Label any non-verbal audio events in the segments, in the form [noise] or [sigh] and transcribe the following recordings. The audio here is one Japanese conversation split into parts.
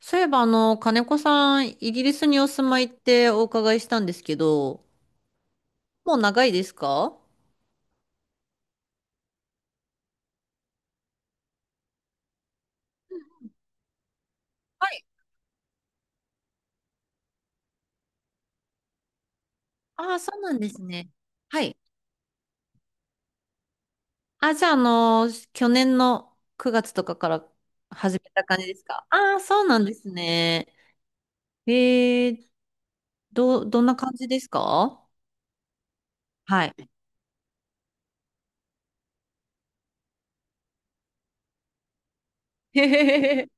そういえば、金子さん、イギリスにお住まいってお伺いしたんですけど、もう長いですか？はい。ああ、そうなんですね。はい。あ、じゃあ、去年の9月とかから始めた感じですか？ああー、そうなんですね。えー、どんな感じですか？はい。[laughs] へへへへ。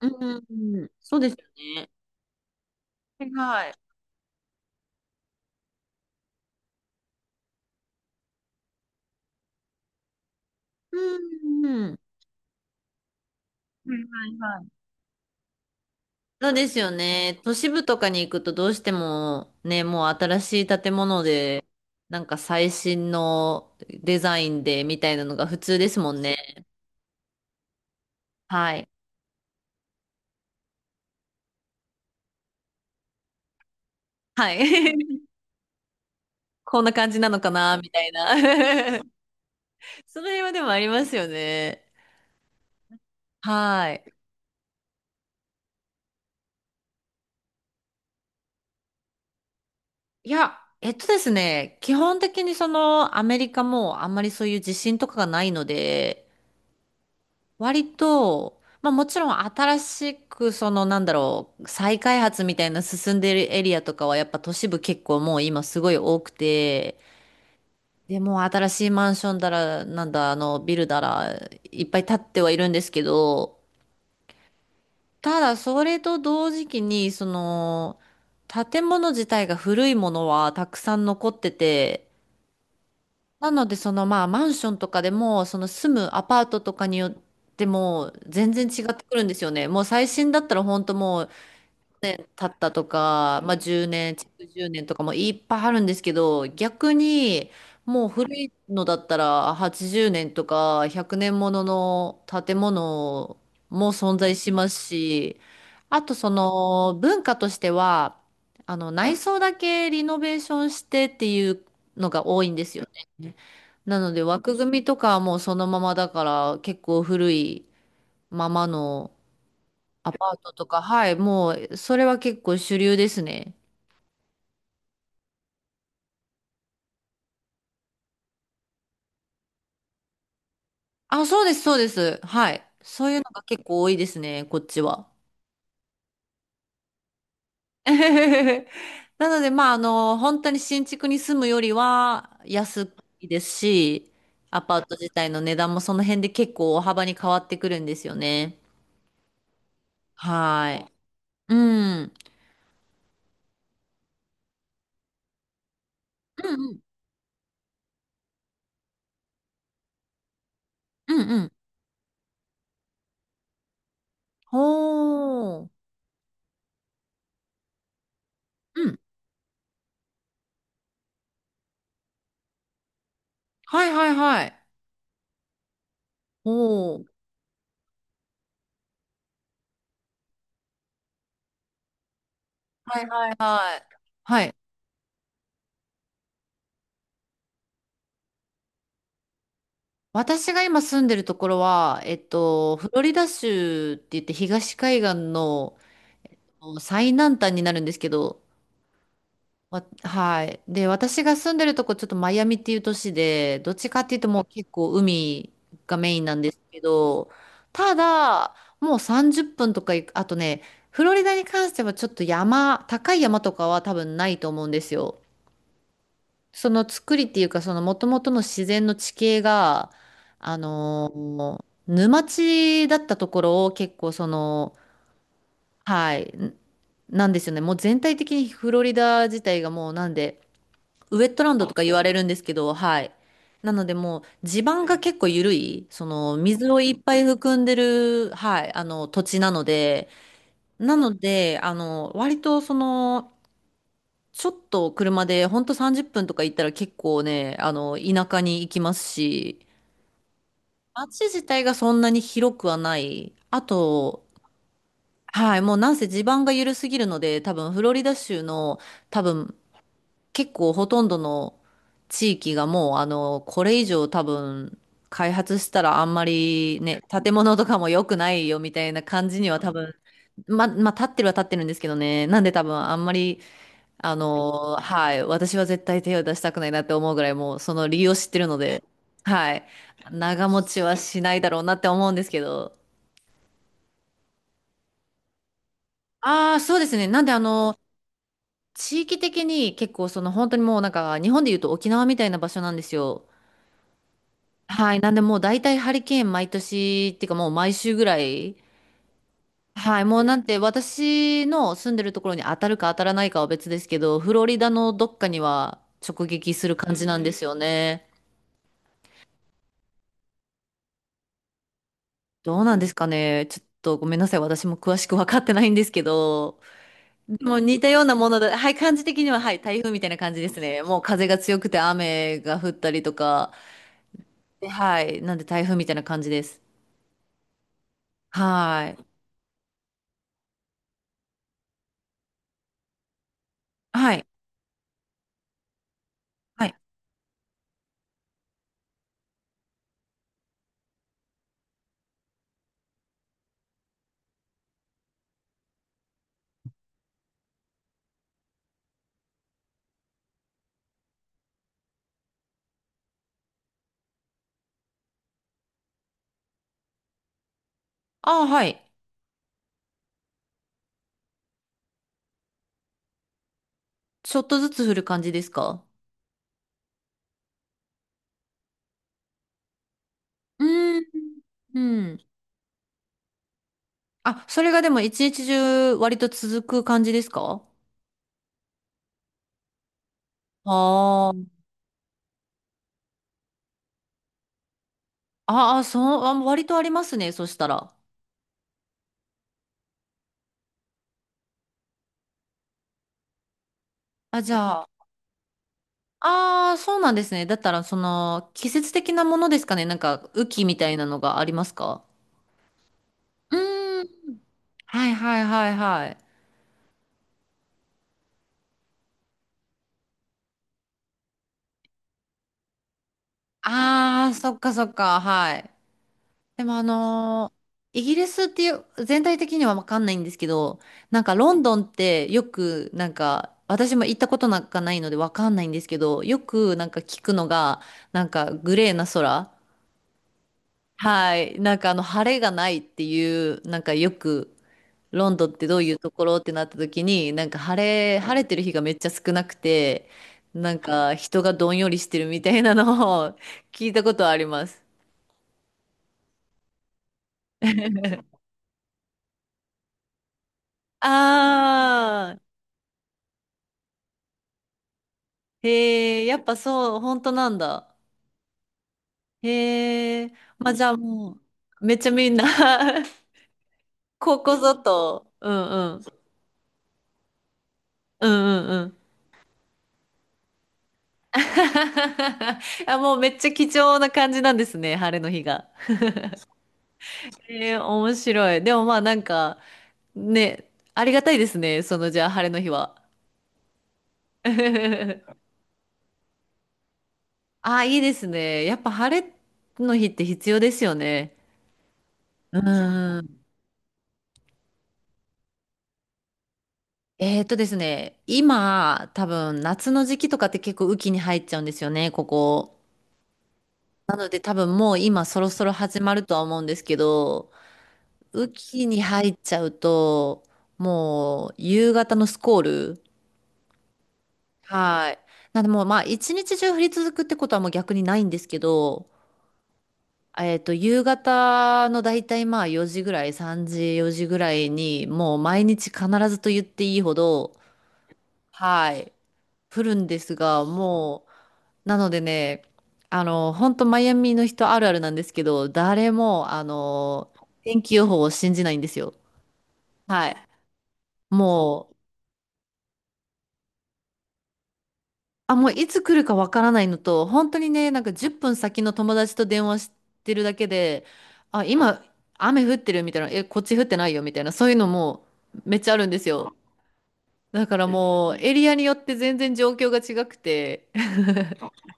うん、うんうん、そうですよね。はいはい。うん、うん。はいはい、そうですよね。都市部とかに行くとどうしてもね、もう新しい建物で、なんか最新のデザインでみたいなのが普通ですもんね。はい。はい。[laughs] こんな感じなのかな、みたいな。[laughs] その辺はでもありますよね。はい。いや、えっとですね、基本的にそのアメリカもあんまりそういう地震とかがないので、割と、まあもちろん新しくそのなんだろう、再開発みたいな進んでるエリアとかはやっぱ都市部結構もう今すごい多くて、でもう新しいマンションだら、なんだあのビルだらいっぱい建ってはいるんですけど、ただそれと同時期にその建物自体が古いものはたくさん残ってて、なので、そのまあマンションとかでも、その住むアパートとかによっても全然違ってくるんですよね。もう最新だったら本当もう年経ったとか、まあ、10年、築10年とかもいっぱいあるんですけど、逆にもう古いのだったら80年とか100年ものの建物も存在しますし、あとその文化としては、あの内装だけリノベーションしてっていうのが多いんですよね。なので枠組みとかはもうそのままだから結構古いままのアパートとか、はい、もう、それは結構主流ですね。あ、そうです、そうです。はい。そういうのが結構多いですね、こっちは。[laughs] なので、まあ、あの、本当に新築に住むよりは安いですし、アパート自体の値段もその辺で結構大幅に変わってくるんですよね。はい。うん。うんうんうんうん。ほー。うん。はいはいはい。ほー。はいはいはい。はい。私が今住んでるところは、えっと、フロリダ州って言って東海岸の最南端になるんですけど、わはい。で、私が住んでるとこちょっとマイアミっていう都市で、どっちかっていうともう結構海がメインなんですけど、ただ、もう30分とか行く、あとね、フロリダに関してはちょっと山、高い山とかは多分ないと思うんですよ。その作りっていうか、その元々の自然の地形が、あのー沼地だったところを結構その、はい、んなんですよね。もう全体的にフロリダ自体がもうなんで、ウエットランドとか言われるんですけど、はい。なのでもう地盤が結構緩い、その水をいっぱい含んでる、はい、あの土地なので、なので、あの、割とその、ちょっと車でほんと30分とか行ったら結構ね、あの、田舎に行きますし、街自体がそんなに広くはない。あと、はい、もうなんせ地盤が緩すぎるので、多分フロリダ州の多分結構ほとんどの地域がもうあの、これ以上多分開発したらあんまりね、建物とかも良くないよみたいな感じには多分、まあ、立ってるは立ってるんですけどね。なんで多分あんまりはい。私は絶対手を出したくないなって思うぐらい、もうその理由を知ってるので、はい。長持ちはしないだろうなって思うんですけど。ああ、そうですね。なんで、あの、地域的に結構、その本当にもうなんか、日本で言うと沖縄みたいな場所なんですよ。はい。なんで、もう大体ハリケーン毎年、っていうかもう毎週ぐらい。はい。もうなんて、私の住んでるところに当たるか当たらないかは別ですけど、フロリダのどっかには直撃する感じなんですよね。どうなんですかね。ちょっとごめんなさい。私も詳しく分かってないんですけど、でも似たようなもので、はい、感じ的には、はい、台風みたいな感じですね。もう風が強くて雨が降ったりとか、ではい、なんで台風みたいな感じです。はい。はい。はい。ああ、はい。ちょっとずつ降る感じですか？うーん。うん。あ、それがでも一日中割と続く感じですか？あーあー、そう、あ、割とありますね。そしたら。あ、じゃあ、ああ、そうなんですね。だったら、その、季節的なものですかね。なんか、雨季みたいなのがありますか？うーん。はいはいはいはい。ああ、そっかそっか、はい。でもイギリスっていう、全体的にはわかんないんですけど、なんかロンドンってよく、なんか、私も行ったことなんかないのでわかんないんですけど、よくなんか聞くのが、なんかグレーな空。はい。なんかあの、晴れがないっていう、なんかよく、ロンドンってどういうところってなった時に、晴れてる日がめっちゃ少なくて、なんか人がどんよりしてるみたいなのを [laughs] 聞いたことあります。[laughs] あー、へえ、やっぱそう、本当なんだ。へえ、まあじゃあもう、めっちゃみんな [laughs] ここぞと、うんうん。うんうんうん。[laughs] あ、もうめっちゃ貴重な感じなんですね、晴れの日が。えー、面白い。でもまあなんか、ね、ありがたいですね。そのじゃあ晴れの日は。[laughs] ああ、いいですね。やっぱ晴れの日って必要ですよね。うーん。えーとですね、今、多分夏の時期とかって結構雨季に入っちゃうんですよね、ここ。なので多分もう今そろそろ始まるとは思うんですけど、雨季に入っちゃうと、もう夕方のスコール、はい。なんでもう、まあ、一日中降り続くってことはもう逆にないんですけど、えっと、夕方のだいたいまあ4時ぐらい、3時、4時ぐらいに、もう毎日必ずと言っていいほど、はい、降るんですが、もう、なのでね、あの、本当マイアミの人あるあるなんですけど、誰も、あの、天気予報を信じないんですよ。はい。ももういつ来るかわからないのと、本当にね、なんか10分先の友達と電話してるだけで、あ、今雨降ってるみたいな、え、こっち降ってないよみたいな、そういうのもめっちゃあるんですよ。だからもうエリアによって全然状況が違くて、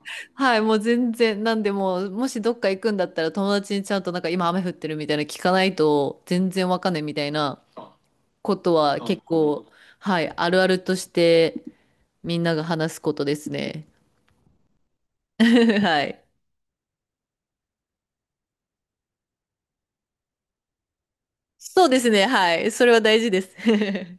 [laughs] はい、もう全然、なんでもう、もしどっか行くんだったら友達にちゃんとなんか今雨降ってるみたいな聞かないと全然わかんないみたいなことは結構、はい、あるあるとしてみんなが話すことですね。[laughs] はい。そうですね。はい。それは大事です。[laughs]